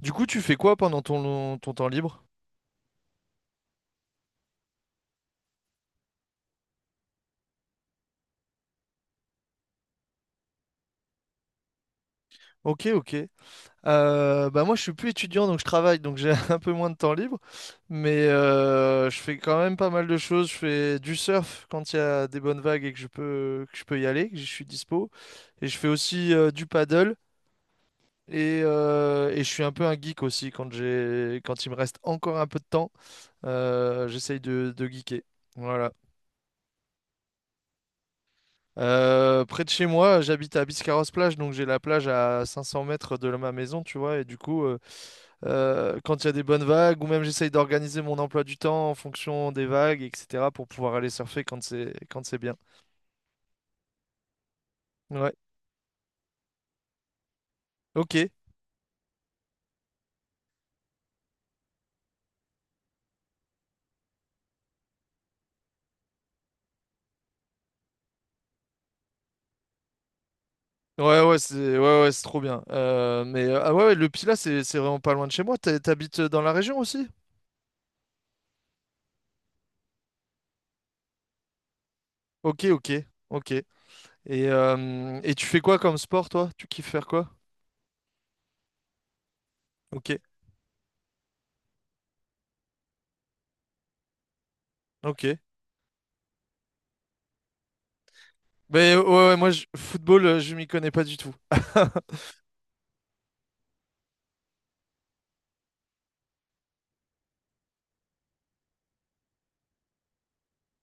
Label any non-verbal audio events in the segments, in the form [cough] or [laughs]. Du coup, tu fais quoi pendant ton temps libre? Ok, ok. Bah moi, je suis plus étudiant, donc je travaille, donc j'ai [laughs] un peu moins de temps libre. Mais je fais quand même pas mal de choses. Je fais du surf quand il y a des bonnes vagues et que je peux y aller, que je suis dispo. Et je fais aussi du paddle. Et je suis un peu un geek aussi quand quand il me reste encore un peu de temps. J'essaye de geeker. Voilà. Près de chez moi, j'habite à Biscarrosse-Plage, donc j'ai la plage à 500 mètres de ma maison, tu vois. Et du coup, quand il y a des bonnes vagues, ou même j'essaye d'organiser mon emploi du temps en fonction des vagues, etc., pour pouvoir aller surfer quand c'est bien. Ouais. Ok. Ouais, ouais, c'est trop bien. Mais ah ouais, ouais, le Pilat, c'est vraiment pas loin de chez moi. T'habites dans la région aussi? Ok, ok, ok. Et tu fais quoi comme sport, toi? Tu kiffes faire quoi? Ok, ok. Mais ouais, ouais, moi, football, je m'y connais pas du tout. [laughs]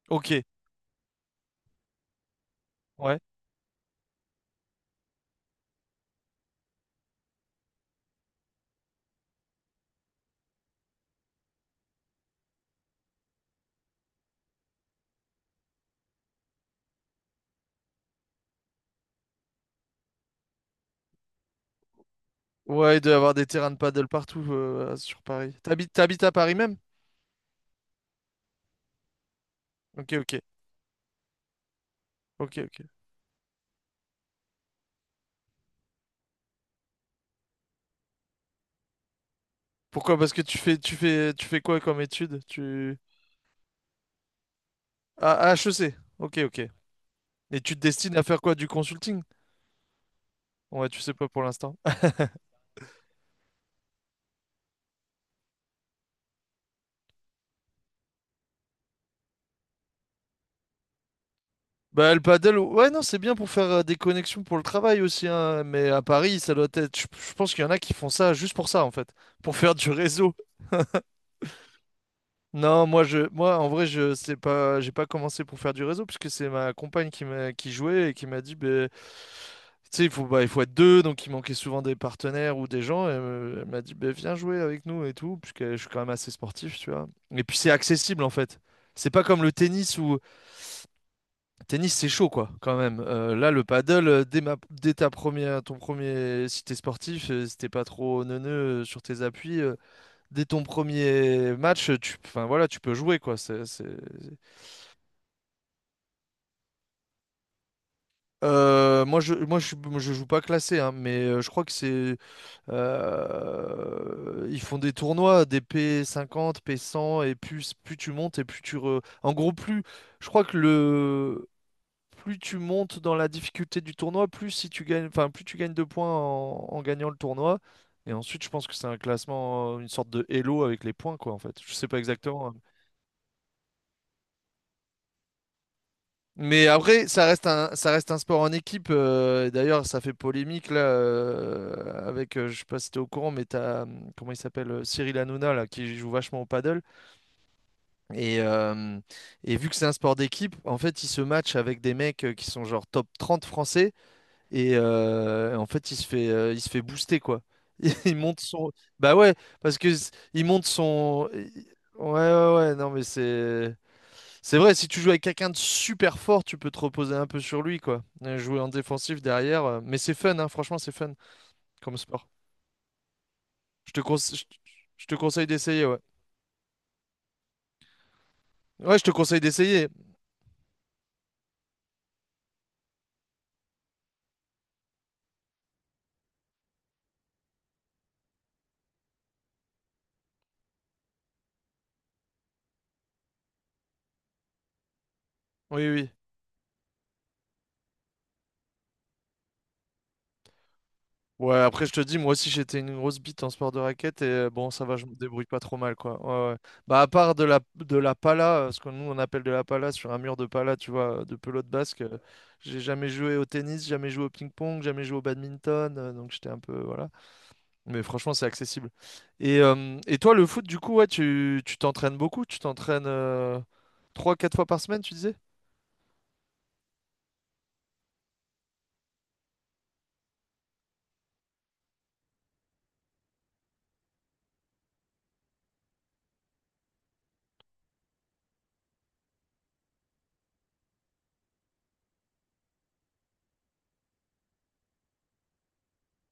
Ok, ouais. Ouais, il doit y avoir des terrains de paddle partout sur Paris. T'habites à Paris même? Ok, ok, ok, ok. Pourquoi? Parce que tu fais quoi comme étude? Tu... Ah, à HEC. Ok, ok. Et tu te destines à faire quoi? Du consulting? Ouais, tu sais pas pour l'instant. [laughs] Bah, le paddle, ouais, non, c'est bien pour faire des connexions pour le travail aussi, hein. Mais à Paris, ça doit être. Je pense qu'il y en a qui font ça juste pour ça, en fait. Pour faire du réseau. Non, moi en vrai je sais pas, j'ai pas commencé pour faire du réseau, puisque c'est ma compagne qui jouait et qui m'a dit, ben tu sais, il faut être deux, donc il manquait souvent des partenaires ou des gens, et elle m'a dit, ben viens jouer avec nous et tout, puisque je suis quand même assez sportif, tu vois. Et puis c'est accessible en fait. C'est pas comme le tennis où tennis c'est chaud quoi quand même. Là le paddle, dès ma dès ta première ton premier, si t'es sportif, si t'es pas trop neuneux, sur tes appuis, dès ton premier match, enfin, voilà, tu peux jouer, quoi. Je joue pas classé, hein, mais je crois que c'est, ils font des tournois, des P50, P100, et plus tu montes et en gros, plus, je crois que le, plus tu montes dans la difficulté du tournoi, plus si tu gagnes, enfin, plus tu gagnes de points en gagnant le tournoi. Et ensuite, je pense que c'est un classement, une sorte de Elo avec les points, quoi, en fait. Je sais pas exactement, hein. Mais après, ça reste un sport en équipe. D'ailleurs, ça fait polémique là, avec, je sais pas si t'es au courant, mais t'as, comment il s'appelle, Cyril Hanouna là, qui joue vachement au paddle. Et, euh, et vu que c'est un sport d'équipe, en fait, il se match avec des mecs, qui sont genre top 30 français. Et en fait, il se fait booster quoi. [laughs] Il monte son, bah ouais, parce que il monte son, ouais ouais ouais, non mais c'est. C'est vrai, si tu joues avec quelqu'un de super fort, tu peux te reposer un peu sur lui, quoi. Jouer en défensif derrière. Mais c'est fun, hein, franchement, c'est fun comme sport. Je te conse- je je te conseille d'essayer, ouais. Ouais, je te conseille d'essayer. Oui, oui. Ouais, après, je te dis, moi aussi, j'étais une grosse bite en sport de raquette. Et bon, ça va, je me débrouille pas trop mal, quoi. Ouais, ouais. Bah, à part de la pala, ce que nous, on appelle de la pala, sur un mur de pala, tu vois, de pelote basque, j'ai jamais joué au tennis, jamais joué au ping-pong, jamais joué au badminton. Donc, j'étais un peu, voilà. Mais franchement, c'est accessible. Et toi, le foot, du coup, ouais, tu t'entraînes beaucoup? Tu t'entraînes 3, 4 fois par semaine, tu disais?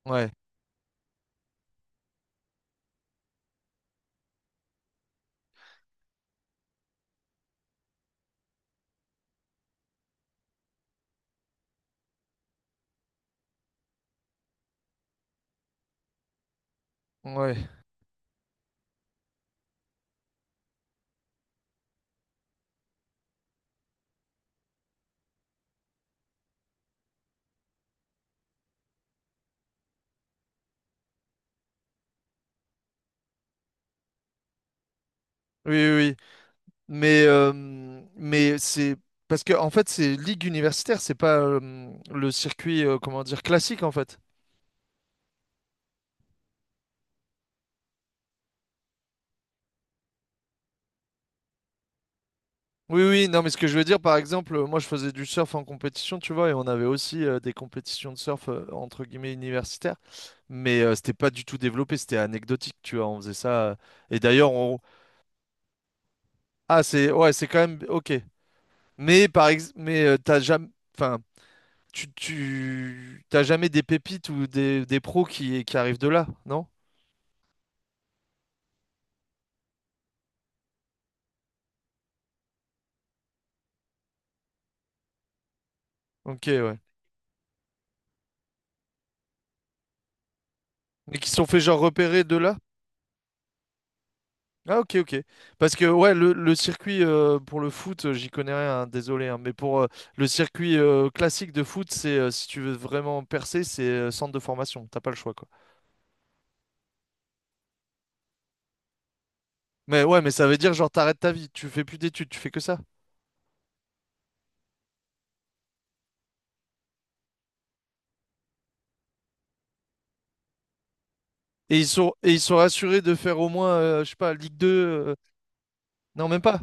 Ouais, ouais, oui, oui, oui. Mais c'est parce que en fait, c'est ligue universitaire, c'est pas le circuit, comment dire, classique en fait. Oui, oui, non, mais ce que je veux dire, par exemple, moi je faisais du surf en compétition, tu vois, et on avait aussi des compétitions de surf entre guillemets universitaires, mais c'était pas du tout développé, c'était anecdotique, tu vois, on faisait ça. Et d'ailleurs, on, ah, c'est ouais, c'est quand même ok. Mais par ex... mais t'as jamais, enfin, tu tu t'as jamais des pépites ou des pros qui arrivent de là, non? Ok, ouais. Mais qui se sont fait genre repérer de là? Ah, ok, ok. Parce que ouais, le circuit pour le foot, j'y connais rien, hein, désolé, hein, mais pour le circuit classique de foot, c'est si tu veux vraiment percer, c'est centre de formation. T'as pas le choix, quoi. Mais ouais, mais ça veut dire genre t'arrêtes ta vie, tu fais plus d'études, tu fais que ça. Et ils sont assurés de faire au moins, je sais pas, Ligue 2, non, même pas.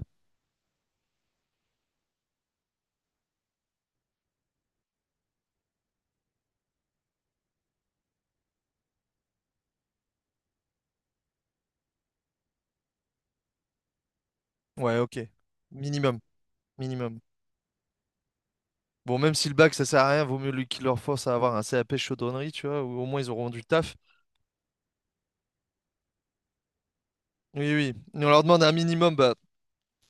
Ouais, ok. Minimum, minimum. Bon, même si le bac, ça sert à rien, vaut mieux lui qu'il leur force à avoir un CAP chaudronnerie, tu vois, ou au moins ils auront du taf. Oui, oui. On leur demande un minimum, bah,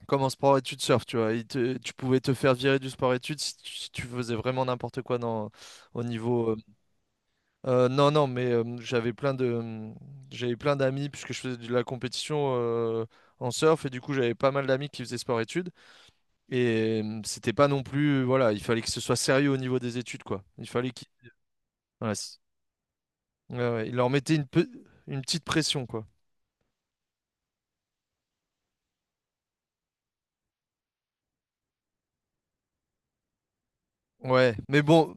comme en sport-études surf, tu vois. Tu pouvais te faire virer du sport-études si tu faisais vraiment n'importe quoi dans, au niveau. Non, non, mais j'avais plein d'amis, puisque je faisais de la compétition en surf, et du coup, j'avais pas mal d'amis qui faisaient sport-études. Et c'était pas non plus, voilà, il fallait que ce soit sérieux au niveau des études, quoi. Il fallait qu'il, voilà, ouais, ouais, il leur mettait une petite pression, quoi. Ouais, mais bon,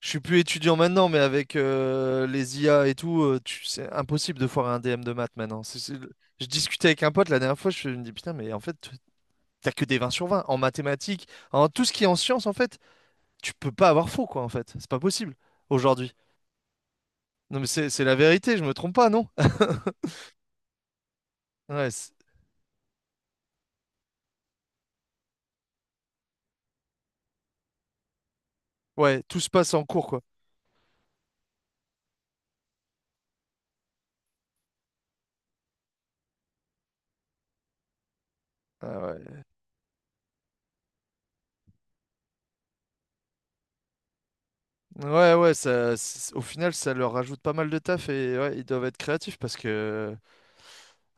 je suis plus étudiant maintenant, mais avec les IA et tout, c'est impossible de foirer un DM de maths maintenant. Je discutais avec un pote la dernière fois, je me dis, putain, mais en fait, t'as que des 20/20 en mathématiques, en tout ce qui est en sciences, en fait, tu peux pas avoir faux, quoi, en fait. C'est pas possible aujourd'hui. Non, mais c'est la vérité, je me trompe pas, non? [laughs] Ouais, ouais, tout se passe en cours, quoi. Ah ouais, ouais, ouais, ça, au final, ça leur rajoute pas mal de taf, et ouais, ils doivent être créatifs parce que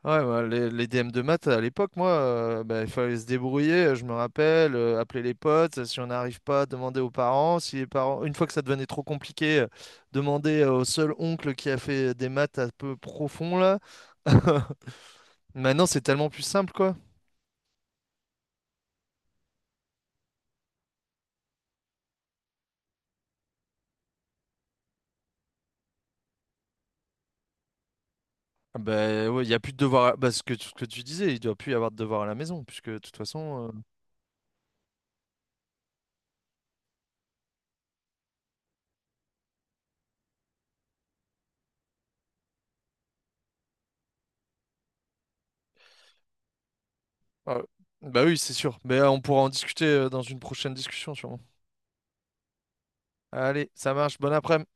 ouais, bah, les DM de maths à l'époque, moi, bah, il fallait se débrouiller, je me rappelle, appeler les potes, si on n'arrive pas, demander aux parents, si les parents, une fois que ça devenait trop compliqué, demander au seul oncle qui a fait des maths un peu profond là. [laughs] Maintenant, c'est tellement plus simple, quoi. Ah, bah ouais, il n'y a plus de devoirs, bah, ce que tu disais, il doit plus y avoir de devoirs à la maison, puisque de toute façon. Ah, bah oui, c'est sûr. Mais on pourra en discuter dans une prochaine discussion, sûrement. Allez, ça marche. Bon après-midi.